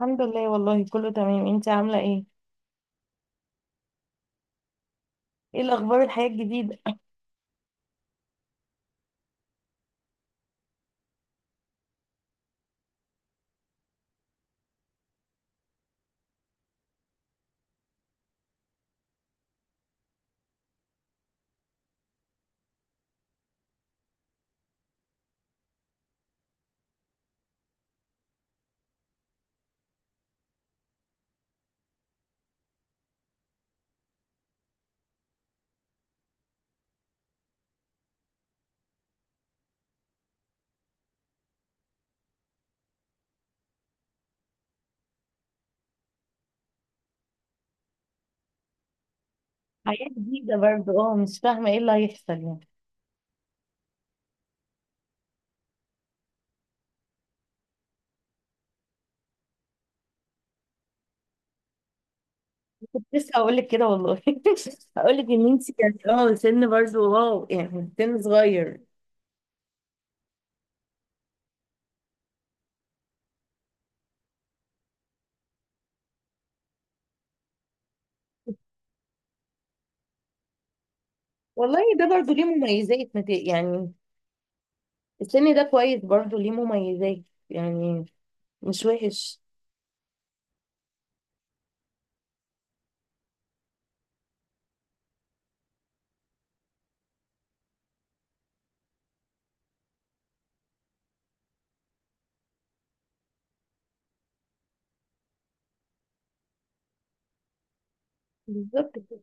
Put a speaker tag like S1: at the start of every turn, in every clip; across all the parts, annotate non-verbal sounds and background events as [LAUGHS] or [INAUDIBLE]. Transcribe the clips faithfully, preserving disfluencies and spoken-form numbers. S1: الحمد لله، والله كله تمام. انت عاملة ايه؟ ايه الأخبار؟ الحياة الجديدة؟ حياة جديدة برضه. اه مش فاهمة ايه اللي هيحصل يعني. كنت لسه هقولك كده والله. [LAUGHS] هقولك ان انت كانت اه سن برضه واو، يعني سن صغير. والله ده برضه ليه مميزات، مت- يعني السن ده كويس، برضه ليه مميزات يعني، مش وحش. بالظبط كده.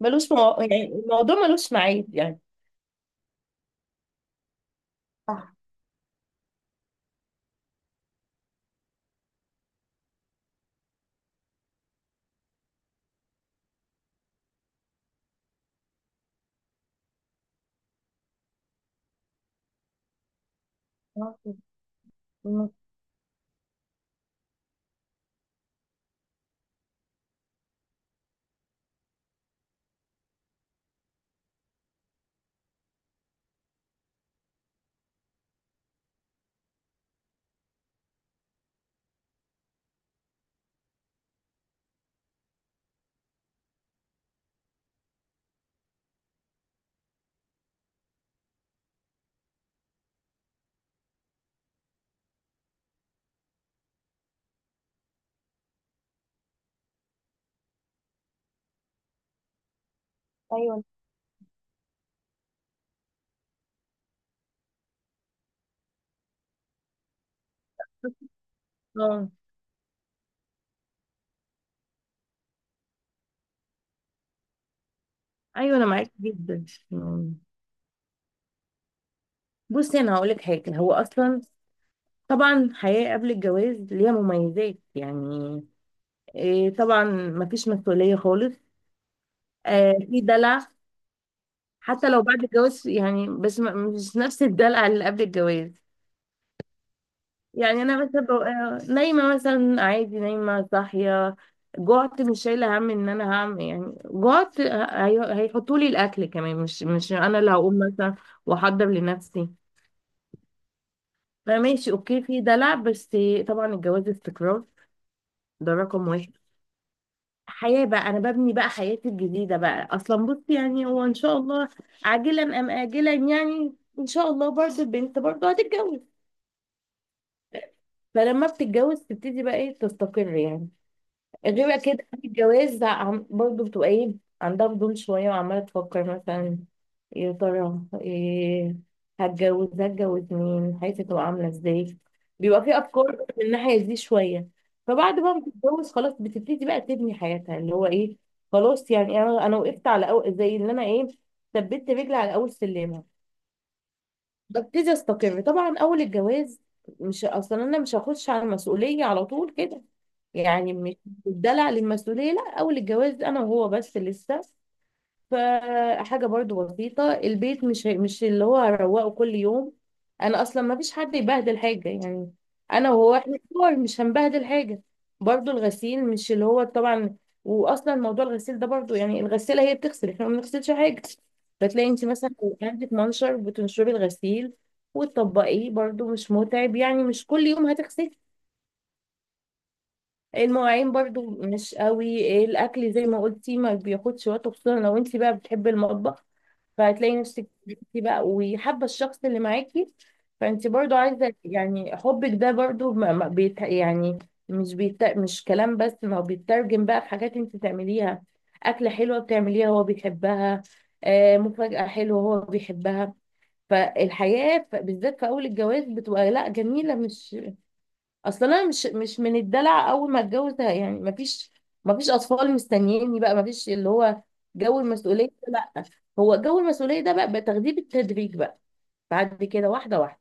S1: ملوش مو... يعني الموضوع ملوش ميعاد يعني. صح. اه، ايوه. اه ايوه، انا معاك جدا. بصي انا هقول لك حاجه. هو اصلا طبعا الحياه قبل الجواز ليها مميزات، يعني إيه؟ طبعا مفيش مسؤوليه خالص. آه، في دلع. حتى لو بعد الجواز، يعني بس م- مش نفس الدلع اللي قبل الجواز. يعني انا مثلا ببقى نايمه مثلا عادي، نايمه صاحيه. جعت مش شايله هم ان انا هعمل يعني جعت. هيحطوا لي الاكل كمان، مش مش انا اللي هقوم مثلا واحضر لنفسي. فماشي، اوكي، في دلع. بس طبعا الجواز استقرار. ده رقم واحد. حياة بقى، أنا ببني بقى حياتي الجديدة بقى. أصلا بصي يعني هو إن شاء الله عاجلا أم آجلا يعني، إن شاء الله برضه البنت برضه هتتجوز. فلما بتتجوز تبتدي بقى إيه، تستقر يعني. غير اكيد قبل الجواز، لا، عم- برضه بتبقى ايه، عندها فضول شويه، وعماله تفكر مثلا يا ترى إيه، هتجوز، هتجوز مين، حياتي تبقى عامله ازاي. بيبقى في افكار من الناحيه دي شويه. فبعد بقى ما بتتجوز خلاص بتبتدي بقى تبني حياتها، اللي هو ايه، خلاص، يعني انا انا وقفت على، أو زي اللي انا ايه، ثبت رجلي على اول سلم. ببتدي استقر طبعا اول الجواز. مش اصلا انا مش هخش على المسؤوليه على طول كده، يعني مش بدلع للمسؤوليه. لا، اول الجواز انا وهو بس لسه، فحاجة برضو بسيطة. البيت مش مش اللي هو هروقه كل يوم. انا اصلا ما فيش حد يبهدل حاجة، يعني انا وهو احنا كبار، مش هنبهدل حاجة. برضو الغسيل، مش اللي هو طبعا، واصلا موضوع الغسيل ده برضو يعني، الغسالة هي بتغسل، احنا ما بنغسلش حاجة. فتلاقي انت مثلا لو عندك منشر، بتنشري الغسيل وتطبقيه، برضو مش متعب، يعني مش كل يوم هتغسلي. المواعين برضو مش قوي إيه، الاكل زي ما قلتي ما بياخدش وقت، خصوصا لو انت بقى بتحبي المطبخ. فهتلاقي نفسك انتي بقى، وحابه الشخص اللي معاكي، فانت برضو عايزه، يعني حبك ده برضو ما ما بيت يعني، مش بيت مش كلام بس، ما هو بيترجم بقى في حاجات انت تعمليها. اكله حلوه بتعمليها هو بيحبها، آه، مفاجاه حلوه هو بيحبها. فالحياه ف- بالذات في اول الجواز بتبقى لا جميله. مش اصل انا مش مش من الدلع اول ما اتجوز ده، يعني ما فيش، ما فيش اطفال مستنييني بقى، ما فيش اللي هو جو المسؤوليه ده، لا. هو جو المسؤوليه ده بقى بتاخديه بالتدريج بقى، بعد كده واحده واحده،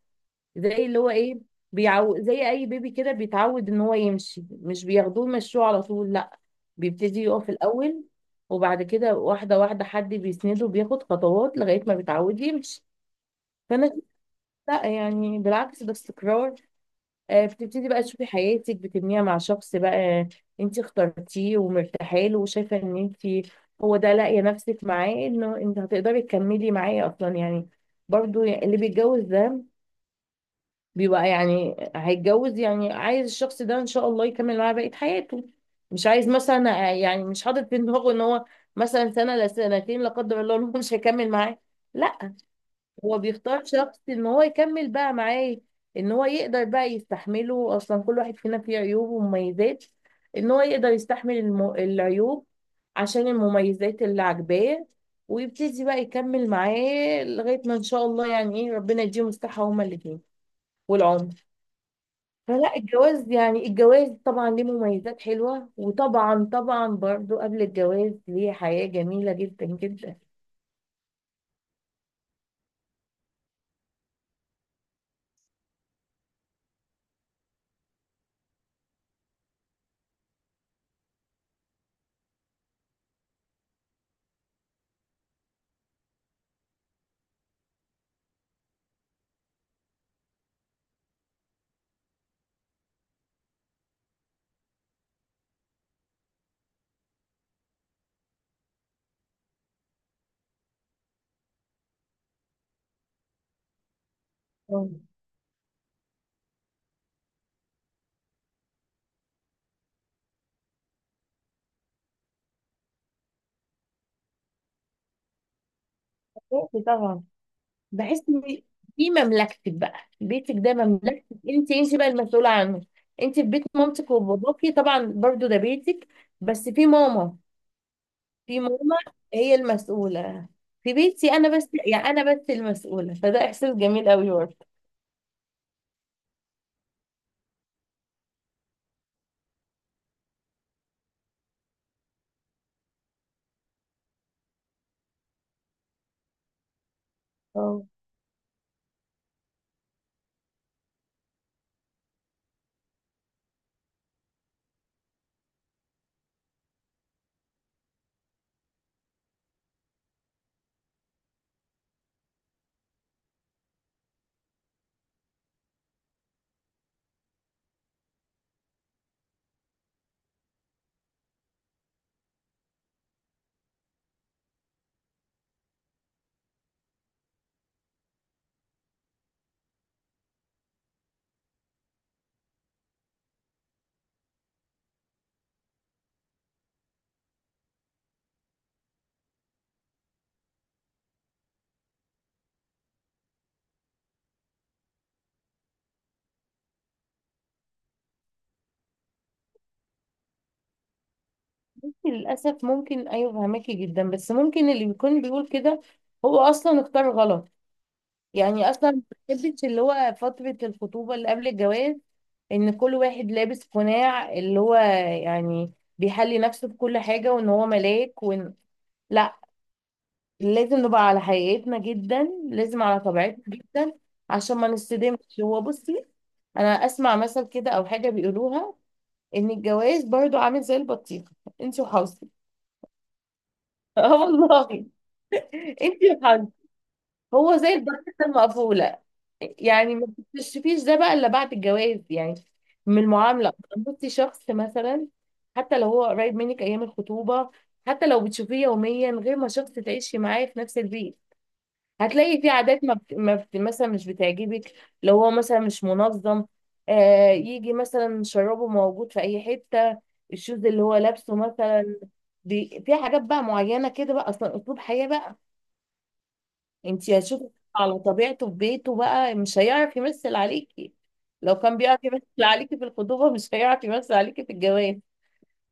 S1: زي اللي هو ايه، بيعو زي اي بيبي كده بيتعود ان هو يمشي، مش بياخدوه يمشوه على طول، لا، بيبتدي يقف الاول، وبعد كده واحده واحده حد بيسنده، بياخد خطوات لغايه ما بيتعود يمشي. فانا لا، يعني بالعكس، ده استقرار. آه، بتبتدي بقى تشوفي حياتك بتبنيها مع شخص بقى انت اخترتيه، ومرتاحه له، وشايفه ان انت، هو ده، لاقيه نفسك معاه انه انت هتقدري تكملي معاه اصلا يعني. برضو يعني اللي بيتجوز ده بيبقى، يعني هيتجوز يعني عايز الشخص ده ان شاء الله يكمل معاه بقيه حياته. مش عايز مثلا آه، يعني مش حاطط في دماغه ان هو مثلا سنه لسنتين، لا قدر الله، إن هو مش هيكمل معاه. لا، هو بيختار شخص ان هو يكمل بقى معاه، ان هو يقدر بقى يستحمله. اصلا كل واحد فينا فيه عيوب ومميزات، ان هو يقدر يستحمل الم... العيوب عشان المميزات اللي عاجباه، ويبتدي بقى يكمل معاه لغاية ما ان شاء الله يعني ايه، ربنا يديهم الصحة هما الاتنين والعمر. فلا، الجواز يعني، الجواز طبعا ليه مميزات حلوة، وطبعا طبعا برضو قبل الجواز ليه حياة جميلة جدا جدا. أوه. طبعا بحس ان في مملكتك بقى، بيتك ده مملكتك، انت انت بقى المسؤوله عنه. انت في بيت مامتك وباباكي طبعا برضو ده بيتك، بس في ماما، في ماما هي المسؤوله. في بيتي انا بس، يعني انا بس المسؤوله، فده احساس جميل قوي برضه. اه، للاسف ممكن، ايوه فهماكي جدا، بس ممكن اللي بيكون بيقول كده هو اصلا اختار غلط. يعني اصلا ما بحبش اللي هو فتره الخطوبه اللي قبل الجواز، ان كل واحد لابس قناع، اللي هو يعني بيحلي نفسه بكل حاجة، وان هو ملاك، وان، لا، لازم نبقى على حقيقتنا جدا، لازم على طبيعتنا جدا عشان ما نصدمش. هو بصي، انا اسمع مثل كده او حاجة بيقولوها، ان الجواز برضو عامل زي البطيخة، انت وحظك. [LAUGHS] اه والله، انت وحظك. هو زي البطيخة المقفولة، يعني ما بتكتشفيش ده بقى الا بعد الجواز، يعني من المعامله. بصي شخص مثلا حتى لو هو قريب منك ايام الخطوبه، حتى لو بتشوفيه يوميا، غير ما شخص تعيشي معاه في نفس البيت. هتلاقي في عادات ما، بت... ما بت... مثلا مش بتعجبك. لو هو مثلا مش منظم، آه يجي مثلا شرابه موجود في اي حته، الشوز اللي هو لابسه مثلا، بي... في حاجات بقى معينه كده بقى، اصلا اسلوب حياه بقى انت هتشوفي. على طبيعته في بيته بقى، مش هيعرف يمثل عليكي. لو كان بيعرف يمثل عليكي في الخطوبة مش هيعرف يمثل عليكي في الجواز.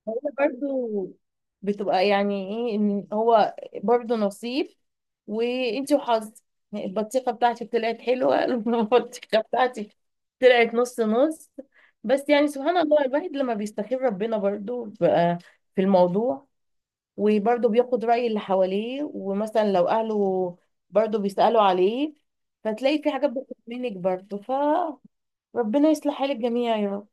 S1: هو برضو بتبقى، يعني ايه، ان هو برضو نصيب، وانت وحظ. البطيخة بتاعتك طلعت حلوة. [LAUGHS] البطيخة بتاعتك طلعت نص نص. بس يعني سبحان الله، الواحد لما بيستخير ربنا برضو بقى في الموضوع، وبرضه بياخد رأي اللي حواليه، ومثلا لو أهله برضه بيسألوا عليه، فتلاقي في حاجات بتطلع منك برضه. فربنا يصلح حال الجميع يا رب.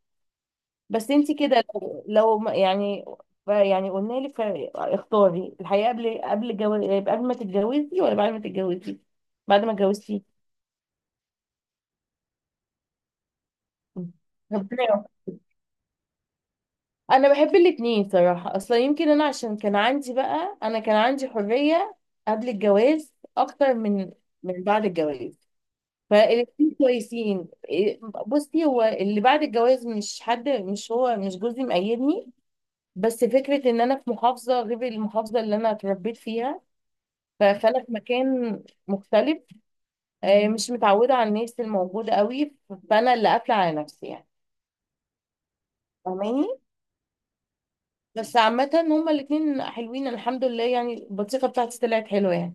S1: بس انت كده، لو لو ما- يعني، ف- يعني قلنا لك، ف- اختاري الحياة قبل قبل جو... قبل ما تتجوزي، ولا بعد ما تتجوزي، بعد ما اتجوزتي؟ ربنا يوفقك. انا بحب الاتنين صراحة. اصلا يمكن انا عشان كان عندي بقى، انا كان عندي حرية قبل الجواز اكتر من، من بعد الجواز. فالاتنين كويسين إيه، بصي هو اللي بعد الجواز، مش حد، مش هو مش جوزي مقيدني، بس فكرة ان انا في محافظة غير المحافظة اللي انا اتربيت فيها، ف- فانا في مكان مختلف، آه، مش متعودة على الناس الموجودة قوي، فانا اللي قافلة على نفسي يعني. فاهماني؟ بس عامة هما الاتنين حلوين الحمد لله، يعني البطيخة بتاعتي طلعت حلوة يعني،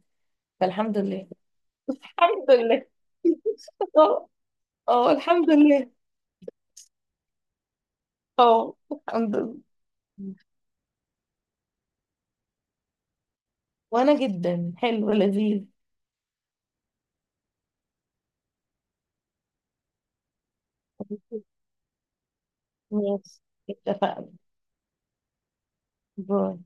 S1: فالحمد لله. [LAUGHS] الحمد لله. [LAUGHS] اه. اه الحمد لله. اه الحمد لله. وانا جدا، حلو، لذيذ. ماشي، اتفقنا. باي.